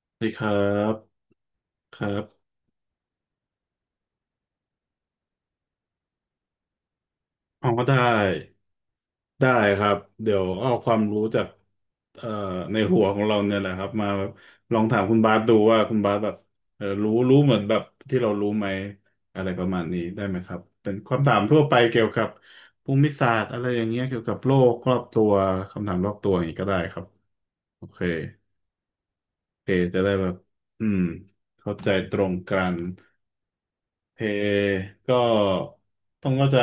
สวัสดีครับครับอ๋อได้ได้ครับเดี๋ยวเอาความรู้จากเอ่อในหัวของเราเนี่ยแหละครับมาแบบลองถามคุณบาสดูว่าคุณบาสแบบเออรู้เหมือนแบบที่เรารู้ไหมอะไรประมาณนี้ได้ไหมครับเป็นความถามทั่วไปเกี่ยวกับภูมิศาสตร์อะไรอย่างเงี้ยเกี่ยวกับโลกรอบตัวคำถามรอบตัวอย่างนี้ก็ได้ครับโอเคโอเคจะได้แบบอืมเข้าใจตรงกัน เพก็ต้องก็จะ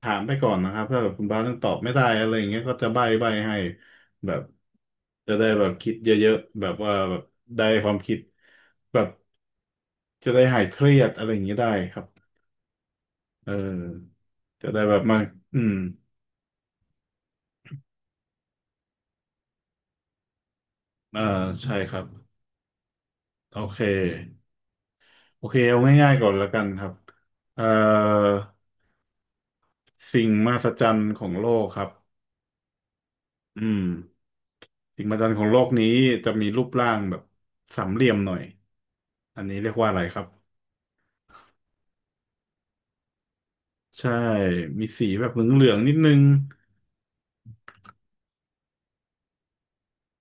ถามไปก่อนนะครับถ้าแบบคุณบาสยังตอบไม่ได้อะไรอย่างเงี้ยก็จะใบ้ให้แบบจะได้แบบคิดเยอะๆแบบว่าแบบได้ความคิดแบบจะได้หายเครียดอะไรอย่างเงี้ยได้ครับเออจะได้แบบมาอืมอ่าใช่ครับโอเคโอเคเอาง่ายๆก่อนแล้วกันครับเอ่อสิ่งมหัศจรรย์ของโลกครับอืม สิ่งมหัศจรรย์ของโลกนี้จะมีรูปร่างแบบสามเหลี่ยมหน่อย อันนี้เรียกว่าอะไรครับใช่มีสีแบบเหลืองๆนิดนึง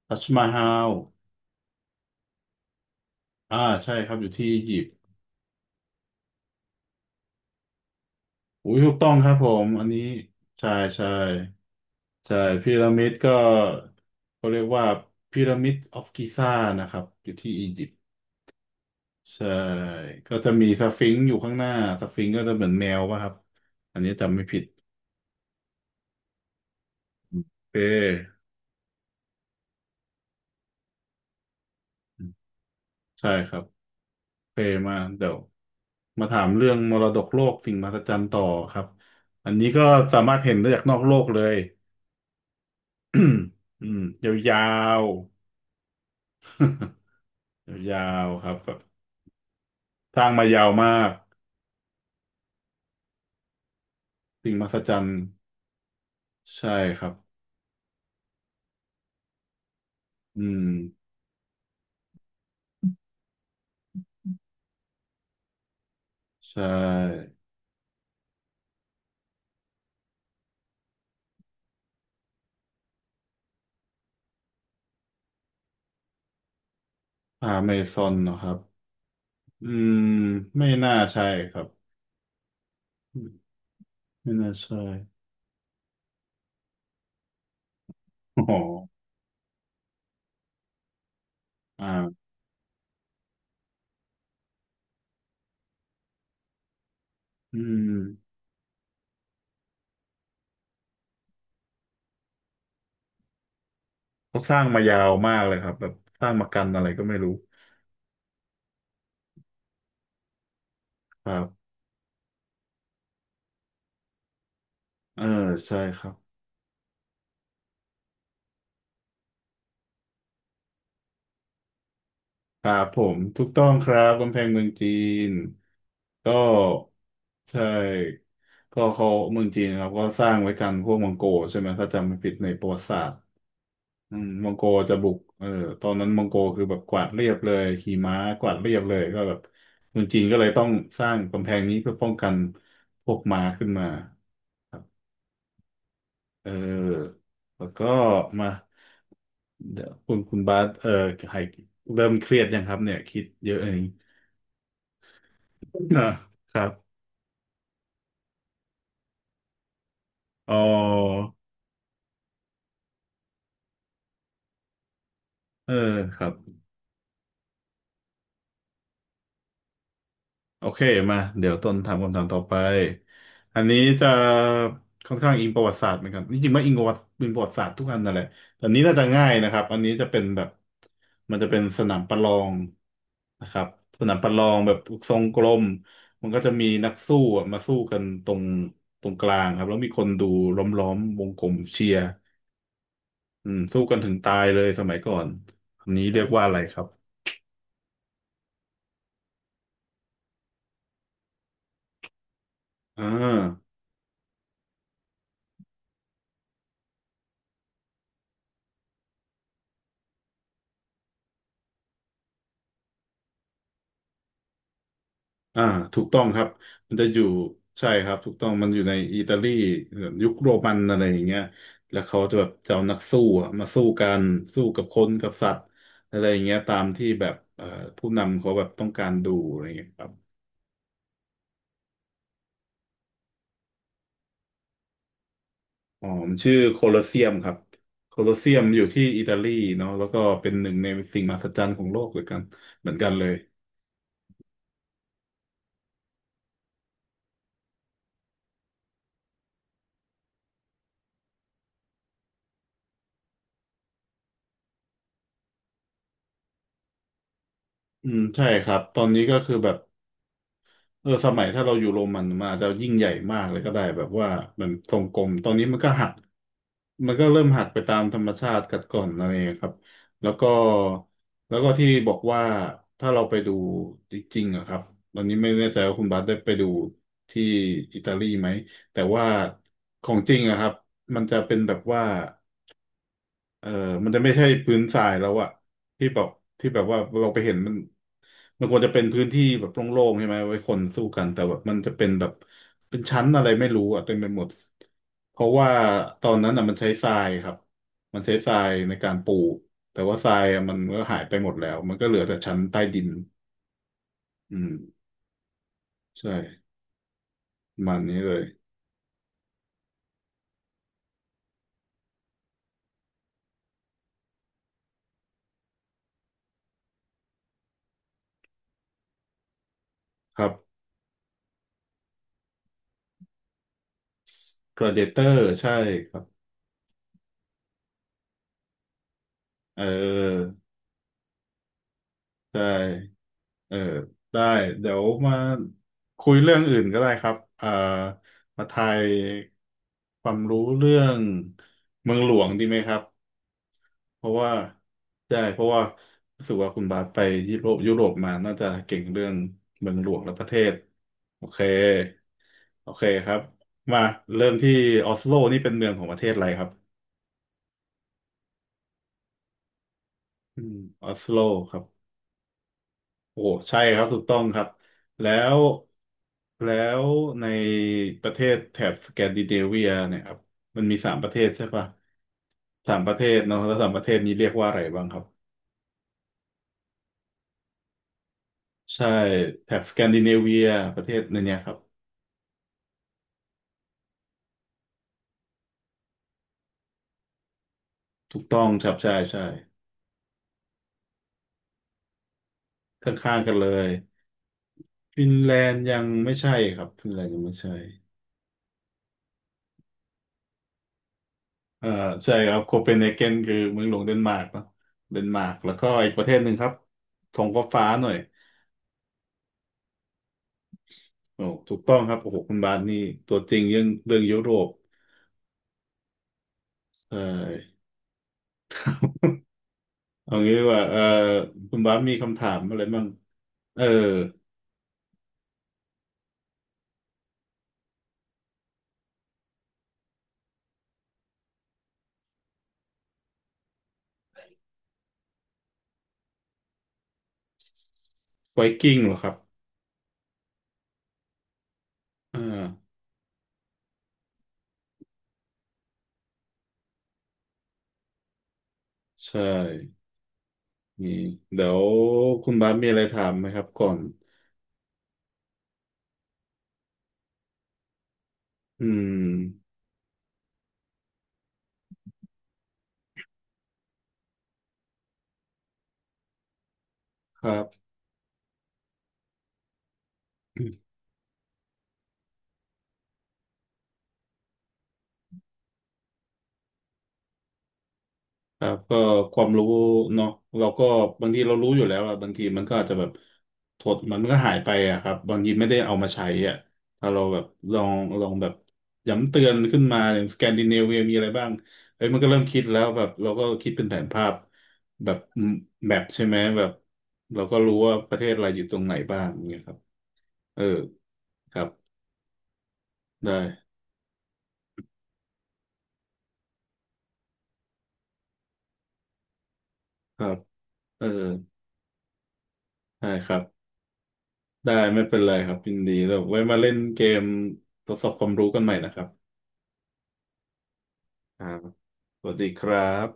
ทัชมาฮาลอ่าใช่ครับอยู่ที่อียิปต์อุ้ยถูกต้องครับผมอันนี้ใช่ใช่ใช่พีระมิดก็เขาเรียกว่าพีระมิดออฟกิซานะครับอยู่ที่อียิปต์ใช่ก็จะมีสฟิงซ์อยู่ข้างหน้าสฟิงซ์ก็จะเหมือนแมวป่ะครับอันนี้จำไม่ผิดโอเคใช่ครับ โอเคมาเดี๋ยวมาถามเรื่องมรดกโลกสิ่งมหัศจรรย์ต่อครับอันนี้ก็สามารถเห็นได้จากนอกโลกเลย อืมยาวๆยาวๆครับแบบสร้างมายาวมากสิ่งมหัศจรรย์ใช่ครับอืมใช่อเมซอนนะครับอืมไม่น่าใช่ครับไม่น่าใช่อ๋ออ่าอืมเขาสร้างมายาวมากเลยครับแบบสร้างมากันอะไรก็ไม่รู้ครับเออใช่ครับ ครับผมถูกต้องครับกำแพงเมืองจีนก็ใช่ก็เขาเมืองจีนครับก็สร้างไว้กันพวกมองโกลใช่ไหมถ้าจำไม่ผิดในประวัติศาสตร์อืมมองโกจะบุกเออตอนนั้นมองโกคือแบบกวาดเรียบเลยขี่ม้ากวาดเรียบเลยก็แบบเมืองจีนก็เลยต้องสร้างกำแพงนี้เพื่อป้องกันพวกม้าขึ้นมาเออแล้วก็มาเดี๋ยวคุณบาสเออหายเริ่มเครียดยังครับเนี่ยคิดเยอะเองอ่า ครับ อ๋อเออครับโอเคมาเดี๋ยวต้นถามคำถามต่อไปอันนี้จะค่อนข้างอิงประวัติศาสตร์เหมือนกันจริงๆว่าอิงประวัติศาสตร์ทุกอันนั่นแหละแต่อันนี้น่าจะง่ายนะครับอันนี้จะเป็นแบบมันจะเป็นสนามประลองนะครับสนามประลองแบบทรงกลมมันก็จะมีนักสู้อะมาสู้กันตรงกลางครับแล้วมีคนดูล้อมวงกลมเชียร์อืมสู้กันถึงตายเลยสมัยก่อนอันนี้เรียกว่าอะไรครับอ่า อ่าถูกต้องครับมันจะอยู่ใช่ครับถูกต้องมันอยู่ในอิตาลียุคโรมันอะไรอย่างเงี้ยแล้วเขาจะแบบจะเอานักสู้อะมาสู้กันสู้กับคนกับสัตว์อะไรอย่างเงี้ยตามที่แบบผู้นำเขาแบบต้องการดูอะไรอย่างเงี้ยครับอ๋อมันชื่อโคลอสเซียมครับโคลอสเซียมอยู่ที่อิตาลีเนาะแล้วก็เป็นหนึ่งในสิ่งมหัศจรรย์ของโลกเหมือนกันเหมือนกันเลยอืมใช่ครับตอนนี้ก็คือแบบ เออสมัยถ้าเราอยู่โรมันมันอาจจะยิ่งใหญ่มากเลยก็ได้แบบว่ามันทรงกลมตอนนี้มันก็หักมันก็เริ่มหักไปตามธรรมชาติกัดกร่อนอะไรอย่างเงี้ยครับแล้วก็แล้วก็ที่บอกว่าถ้าเราไปดูจริงๆอะครับตอนนี้ไม่แน่ใจว่าคุณบาสได้ไปดูที่อิตาลีไหมแต่ว่าของจริงอะครับมันจะเป็นแบบว่า เออมันจะไม่ใช่พื้นทรายแล้วอะที่แบบที่แบบว่าเราไปเห็นมันมันควรจะเป็นพื้นที่แบบโล่งๆใช่ไหมไว้คนสู้กันแต่แบบมันจะเป็นแบบเป็นชั้นอะไรไม่รู้อะเต็มไปหมดเพราะว่าตอนนั้นอะมันใช้ทรายครับมันใช้ทรายในการปูแต่ว่าทรายอะมันก็หายไปหมดแล้วมันก็เหลือแต่ชั้นใต้ดินอืมใช่ประมันนี้เลยครับ Predator ใช่ครับเออใช่ เออได้เดี๋ยวมาคุยเรื่องอื่นก็ได้ครับมาทายความรู้เรื่องเมืองหลวงดีไหมครับเพราะว่าได้เพราะว่ารู้สึกว่าคุณบาสไปยุโรปมาน่าจะเก่งเรื่องเมืองหลวงและประเทศโอเคโอเคครับมาเริ่มที่ออสโลนี่เป็นเมืองของประเทศอะไรครับอืมออสโลครับ โอ้ใช่ครับถูกต้องครับแล้วแล้วในประเทศแถบสแกนดิเนเวียเนี่ยครับมันมีสามประเทศใช่ปะสามประเทศเนาะแล้วสามประเทศนี้เรียกว่าอะไรบ้างครับใช่แถบสแกนดิเนเวียประเทศในเนี้ยครับถูกต้องครับใช่ใช่ข้างๆกันเลยฟินแลนด์ยังไม่ใช่ครับฟินแลนด์ยังไม่ใช่อ่าใช่ครับโคเปนเฮเกนคือเมืองหลวงเดนมาร์กเนอะเดนมาร์กแล้วก็อีกประเทศหนึ่งครับทงฟ้าๆหน่อย โอ้ถูกต้องครับโอ้โหคุณบาสนี่ตัวจริงเรื่องยุโรปเออเอางี้ดีกว่าเออคุณบาสมีคำถามอะไรบ้างเออ ไวกิ้งเหรอครับ อ่า ใช่มีเดี๋ยวคุณบาสมีอะไรถามไหมครับก่อน อืม ครับ ครับก็ความรู้เนาะเราก็บางทีเรารู้อยู่แล้วอะบางทีมันก็อาจจะแบบถดมันก็หายไปอะครับบางทีไม่ได้เอามาใช้อะถ้าเราแบบลองแบบย้ำเตือนขึ้นมาอย่างสแกนดิเนเวียมีอะไรบ้างเอ้ยมันก็เริ่มคิดแล้วแบบเราก็คิดเป็นแผนภาพแบบแมปใช่ไหมแบบเราก็รู้ว่าประเทศอะไรอยู่ตรงไหนบ้างอย่างเงี้ยครับเออครับได้ครับเออได้ครับ ได้ไม่เป็นไรครับยินดีเราไว้มาเล่นเกมทดสอบความรู้กันใหม่นะครับครับสวัสดีครับ